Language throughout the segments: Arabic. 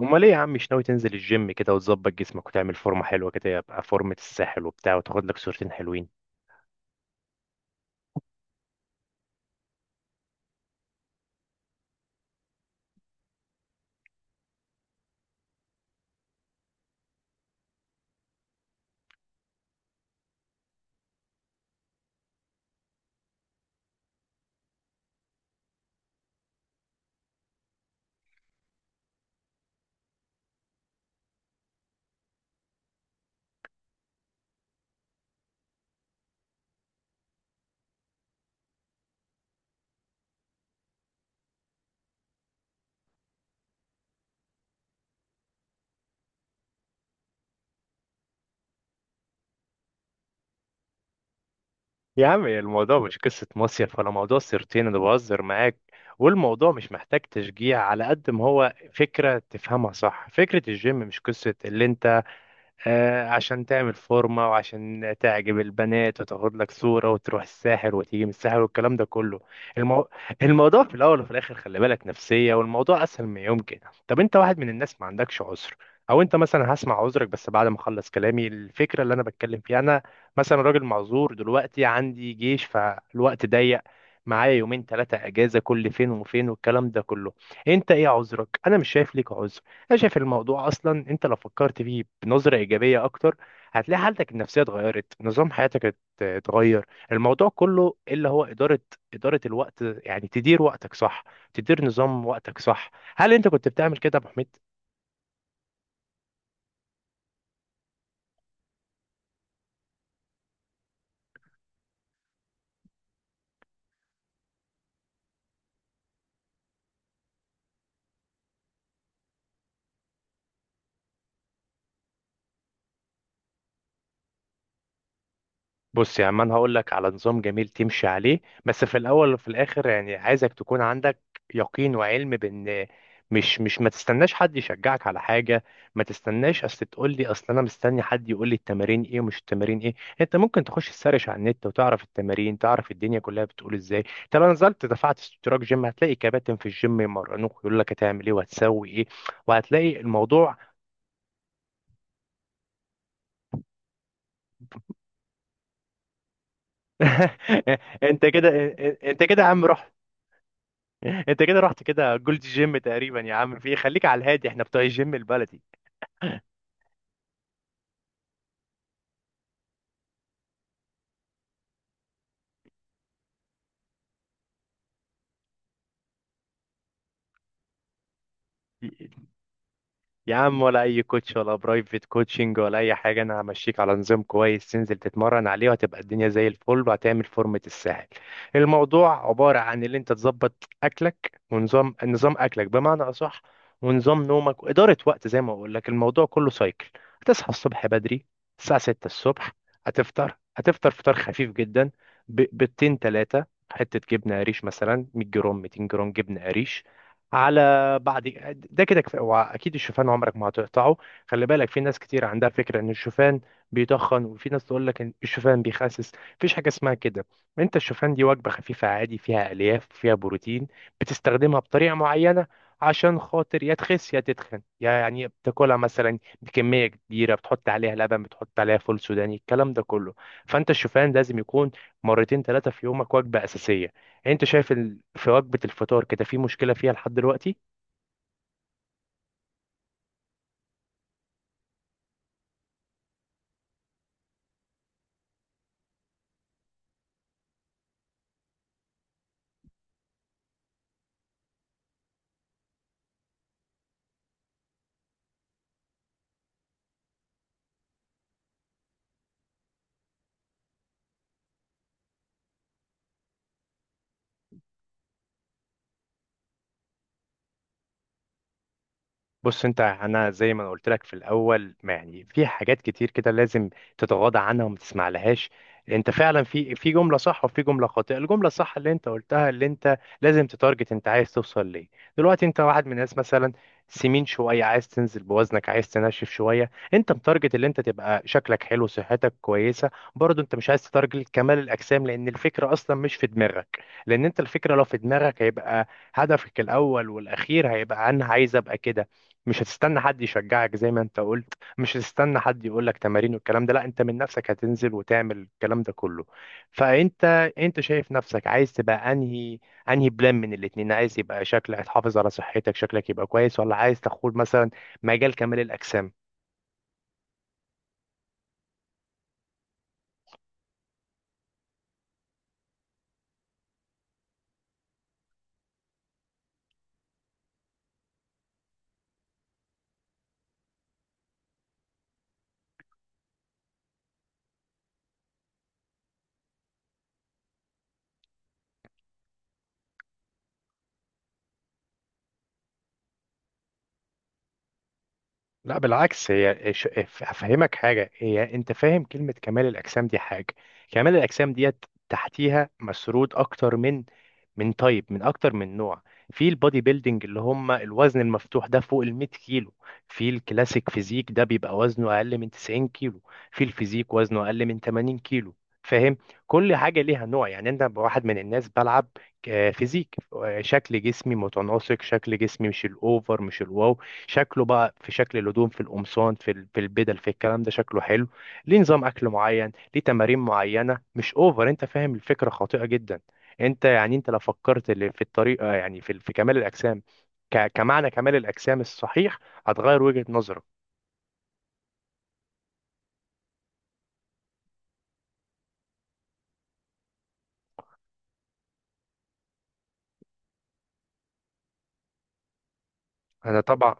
امال ايه يا عم، مش ناوي تنزل الجيم كده وتظبط جسمك وتعمل فورمه حلوه كده، يبقى فورمه الساحل وبتاع وتاخد لك صورتين حلوين؟ يا عم الموضوع مش قصة مصيف ولا موضوع سيرتين، أنا بهزر معاك. والموضوع مش محتاج تشجيع، على قد ما هو فكرة تفهمها صح. فكرة الجيم مش قصة اللي أنت عشان تعمل فورمة وعشان تعجب البنات وتاخد لك صورة وتروح الساحر وتيجي من الساحر والكلام ده كله. المو... الموضوع في الأول وفي الآخر، خلي بالك نفسية، والموضوع أسهل ما يمكن. طب أنت واحد من الناس ما عندكش عذر. أو أنت مثلا، هسمع عذرك بس بعد ما أخلص كلامي. الفكرة اللي أنا بتكلم فيها، أنا مثلا راجل معذور دلوقتي، عندي جيش فالوقت ضيق، معايا يومين ثلاثة أجازة كل فين وفين والكلام ده كله. أنت إيه عذرك؟ أنا مش شايف ليك عذر. انا شايف الموضوع اصلا، انت لو فكرت فيه بنظره ايجابيه اكتر، هتلاقي حالتك النفسيه اتغيرت، نظام حياتك اتغير. الموضوع كله اللي هو اداره الوقت، يعني تدير وقتك صح، تدير نظام وقتك صح. هل انت كنت بتعمل كده يا ابو حميد؟ بص يا عم، انا هقول لك على نظام جميل تمشي عليه، بس في الاول وفي الاخر يعني عايزك تكون عندك يقين وعلم بان مش ما تستناش حد يشجعك على حاجه. ما تستناش اصل تقول لي اصل انا مستني حد يقول لي التمارين ايه ومش التمارين ايه. انت ممكن تخش تسرش على النت وتعرف التمارين، تعرف الدنيا كلها بتقول ازاي. طب انا نزلت دفعت اشتراك جيم، هتلاقي كباتن في الجيم يمرنوك يقول لك هتعمل ايه وهتسوي ايه، وهتلاقي الموضوع. انت كده انت كده يا عم روح. انت كده رحت كده جولد جيم تقريبا يا عم، في ايه؟ خليك على الهادي، احنا بتوع الجيم البلدي. يا عم ولا اي كوتش ولا برايفت كوتشنج ولا اي حاجه، انا همشيك على نظام كويس تنزل تتمرن عليه، وهتبقى الدنيا زي الفل، وهتعمل فورمه الساحل. الموضوع عباره عن اللي انت تظبط اكلك، ونظام اكلك بمعنى اصح، ونظام نومك، واداره وقت، زي ما اقول لك الموضوع كله سايكل. هتصحى الصبح بدري، الساعه 6 الصبح. هتفطر فطار خفيف جدا، بيضتين ثلاثه، حته جبنه قريش مثلا 100 جرام 200 جرام جبنه قريش. على بعد ده كده كفايه، هو اكيد الشوفان عمرك ما هتقطعه. خلي بالك، في ناس كتير عندها فكره ان الشوفان بيتخن، وفي ناس تقول لك ان الشوفان بيخسس. مفيش حاجه اسمها كده. انت الشوفان دي وجبه خفيفه عادي، فيها الياف، فيها بروتين، بتستخدمها بطريقه معينه، عشان خاطر يا تخس يا تتخن. يعني بتاكلها مثلا بكميه كبيره، بتحط عليها لبن، بتحط عليها فول سوداني، الكلام ده كله. فانت الشوفان لازم يكون مرتين ثلاثه في يومك، وجبه اساسيه. انت شايف في وجبة الفطار كده في مشكلة فيها لحد دلوقتي؟ بص انت، انا زي ما انا قلت لك في الاول، ما يعني في حاجات كتير كده لازم تتغاضى عنها وما تسمع لهاش. انت فعلا في جمله صح وفي جمله خاطئه. الجمله الصح اللي انت قلتها، اللي انت لازم تتارجت انت عايز توصل ليه. دلوقتي انت واحد من الناس مثلا سمين شويه، عايز تنزل بوزنك، عايز تنشف شويه. انت متارجت اللي انت تبقى شكلك حلو صحتك كويسه، برضه انت مش عايز تتارجت كمال الاجسام لان الفكره اصلا مش في دماغك. لان انت الفكره لو في دماغك هيبقى هدفك الاول والاخير هيبقى انا عايز ابقى كده. مش هتستنى حد يشجعك زي ما انت قلت، مش هتستنى حد يقول لك تمارين والكلام ده. لا، انت من نفسك هتنزل وتعمل الكلام ده كله. فانت شايف نفسك عايز تبقى انهي بلان من الاتنين، عايز يبقى شكلك تحافظ على صحتك شكلك يبقى كويس، ولا عايز تاخد مثلا مجال كمال الاجسام؟ لا بالعكس، هي افهمك حاجه، هي انت فاهم كلمه كمال الاجسام دي حاجه. كمال الاجسام ديت تحتيها مسرود اكتر من تايب، من اكتر من نوع. في البودي بيلدينج اللي هم الوزن المفتوح ده فوق ال 100 كيلو، في الكلاسيك فيزيك ده بيبقى وزنه اقل من 90 كيلو، في الفيزيك وزنه اقل من 80 كيلو. فاهم؟ كل حاجه ليها نوع، يعني انت واحد من الناس بلعب فيزيك، شكل جسمي متناسق، شكل جسمي مش الاوفر مش الواو. شكله بقى في شكل الهدوم، في القمصان، في البدل، في الكلام ده شكله حلو، ليه نظام اكل معين، ليه تمارين معينه، مش اوفر. انت فاهم؟ الفكره خاطئه جدا. انت يعني انت لو فكرت اللي في الطريقه، يعني في كمال الاجسام، كمعنى كمال الاجسام الصحيح، هتغير وجهه نظرك. انا طبعا.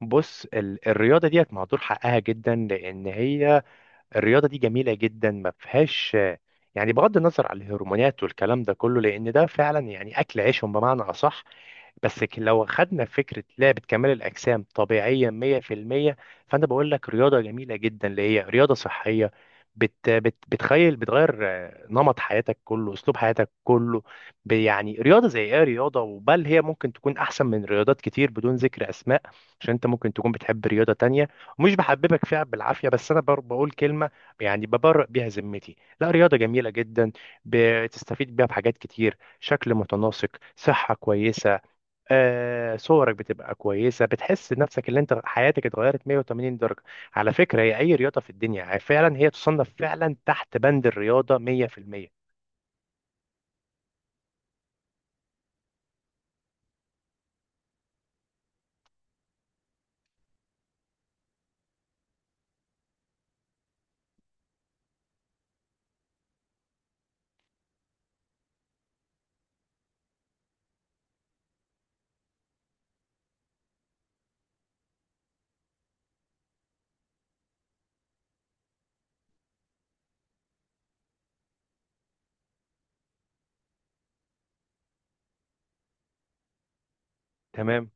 بص الرياضه ديت مهدور حقها جدا، لان هي الرياضه دي جميله جدا ما فيهاش يعني، بغض النظر على الهرمونات والكلام ده كله، لان ده فعلا يعني اكل عيشهم بمعنى اصح. بس لو خدنا فكرة لعبة كمال الأجسام طبيعية 100%، فأنا بقول لك رياضة جميلة جدا اللي هي رياضة صحية، بت بت بتخيل بتغير نمط حياتك كله، أسلوب حياتك كله. يعني رياضة زي إيه، رياضة وبل هي ممكن تكون أحسن من رياضات كتير بدون ذكر أسماء، عشان أنت ممكن تكون بتحب رياضة تانية، ومش بحببك فيها بالعافية، بس أنا بقول كلمة يعني ببرئ بيها ذمتي. لا، رياضة جميلة جدا، بتستفيد بيها بحاجات كتير، شكل متناسق، صحة كويسة. صورك بتبقى كويسه، بتحس نفسك اللي انت حياتك اتغيرت 180 درجه. على فكره، هي اي رياضه في الدنيا فعلا هي تصنف فعلا تحت بند الرياضه 100%. تمام.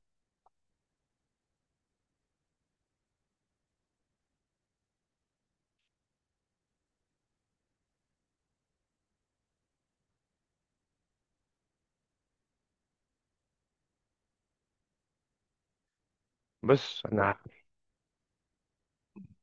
بص انا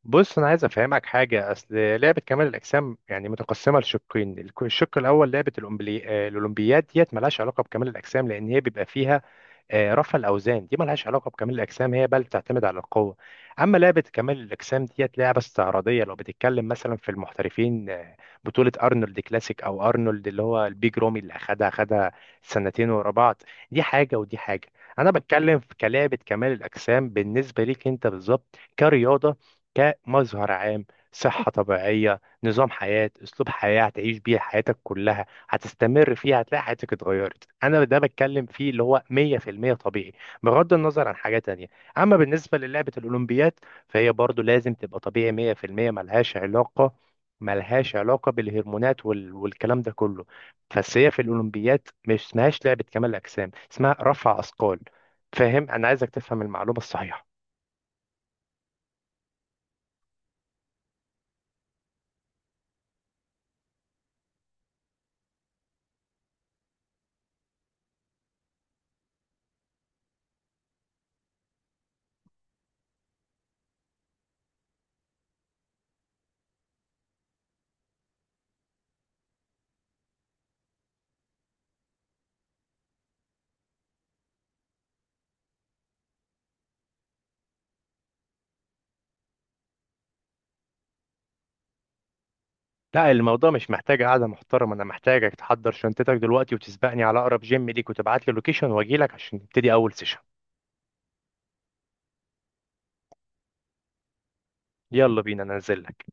بص انا عايز افهمك حاجه، اصل لعبه كمال الاجسام يعني متقسمه لشقين، الشق الاول لعبه الأمبلي... آه، الاولمبياد ديت ملهاش علاقه بكمال الاجسام لان هي بيبقى فيها رفع الاوزان، دي ملهاش علاقه بكمال الاجسام، هي بل بتعتمد على القوه. اما لعبه كمال الاجسام ديت لعبه استعراضيه، لو بتتكلم مثلا في المحترفين بطوله ارنولد كلاسيك او ارنولد اللي هو البيج رومي، اللي اخدها سنتين ورا بعض. دي حاجه ودي حاجه. انا بتكلم في كلعبه كمال الاجسام بالنسبه ليك انت بالظبط كرياضه، كمظهر عام، صحه طبيعيه، نظام حياه، اسلوب حياه هتعيش بيه حياتك كلها، هتستمر فيها هتلاقي حياتك اتغيرت. انا ده بتكلم فيه اللي هو 100% طبيعي، بغض النظر عن حاجة تانية. اما بالنسبة للعبة الاولمبياد، فهي برضو لازم تبقى طبيعي 100%، ملهاش علاقة بالهرمونات والكلام ده كله. بس هي في الاولمبياد مش اسمهاش لعبة كمال اجسام، اسمها رفع اثقال. فاهم؟ انا عايزك تفهم المعلومة الصحيحة. لا الموضوع مش محتاج قعدة محترمة، أنا محتاجك تحضر شنطتك دلوقتي وتسبقني على أقرب جيم ليك وتبعت لي لوكيشن وأجيلك عشان نبتدي أول سيشن. يلا بينا ننزل لك.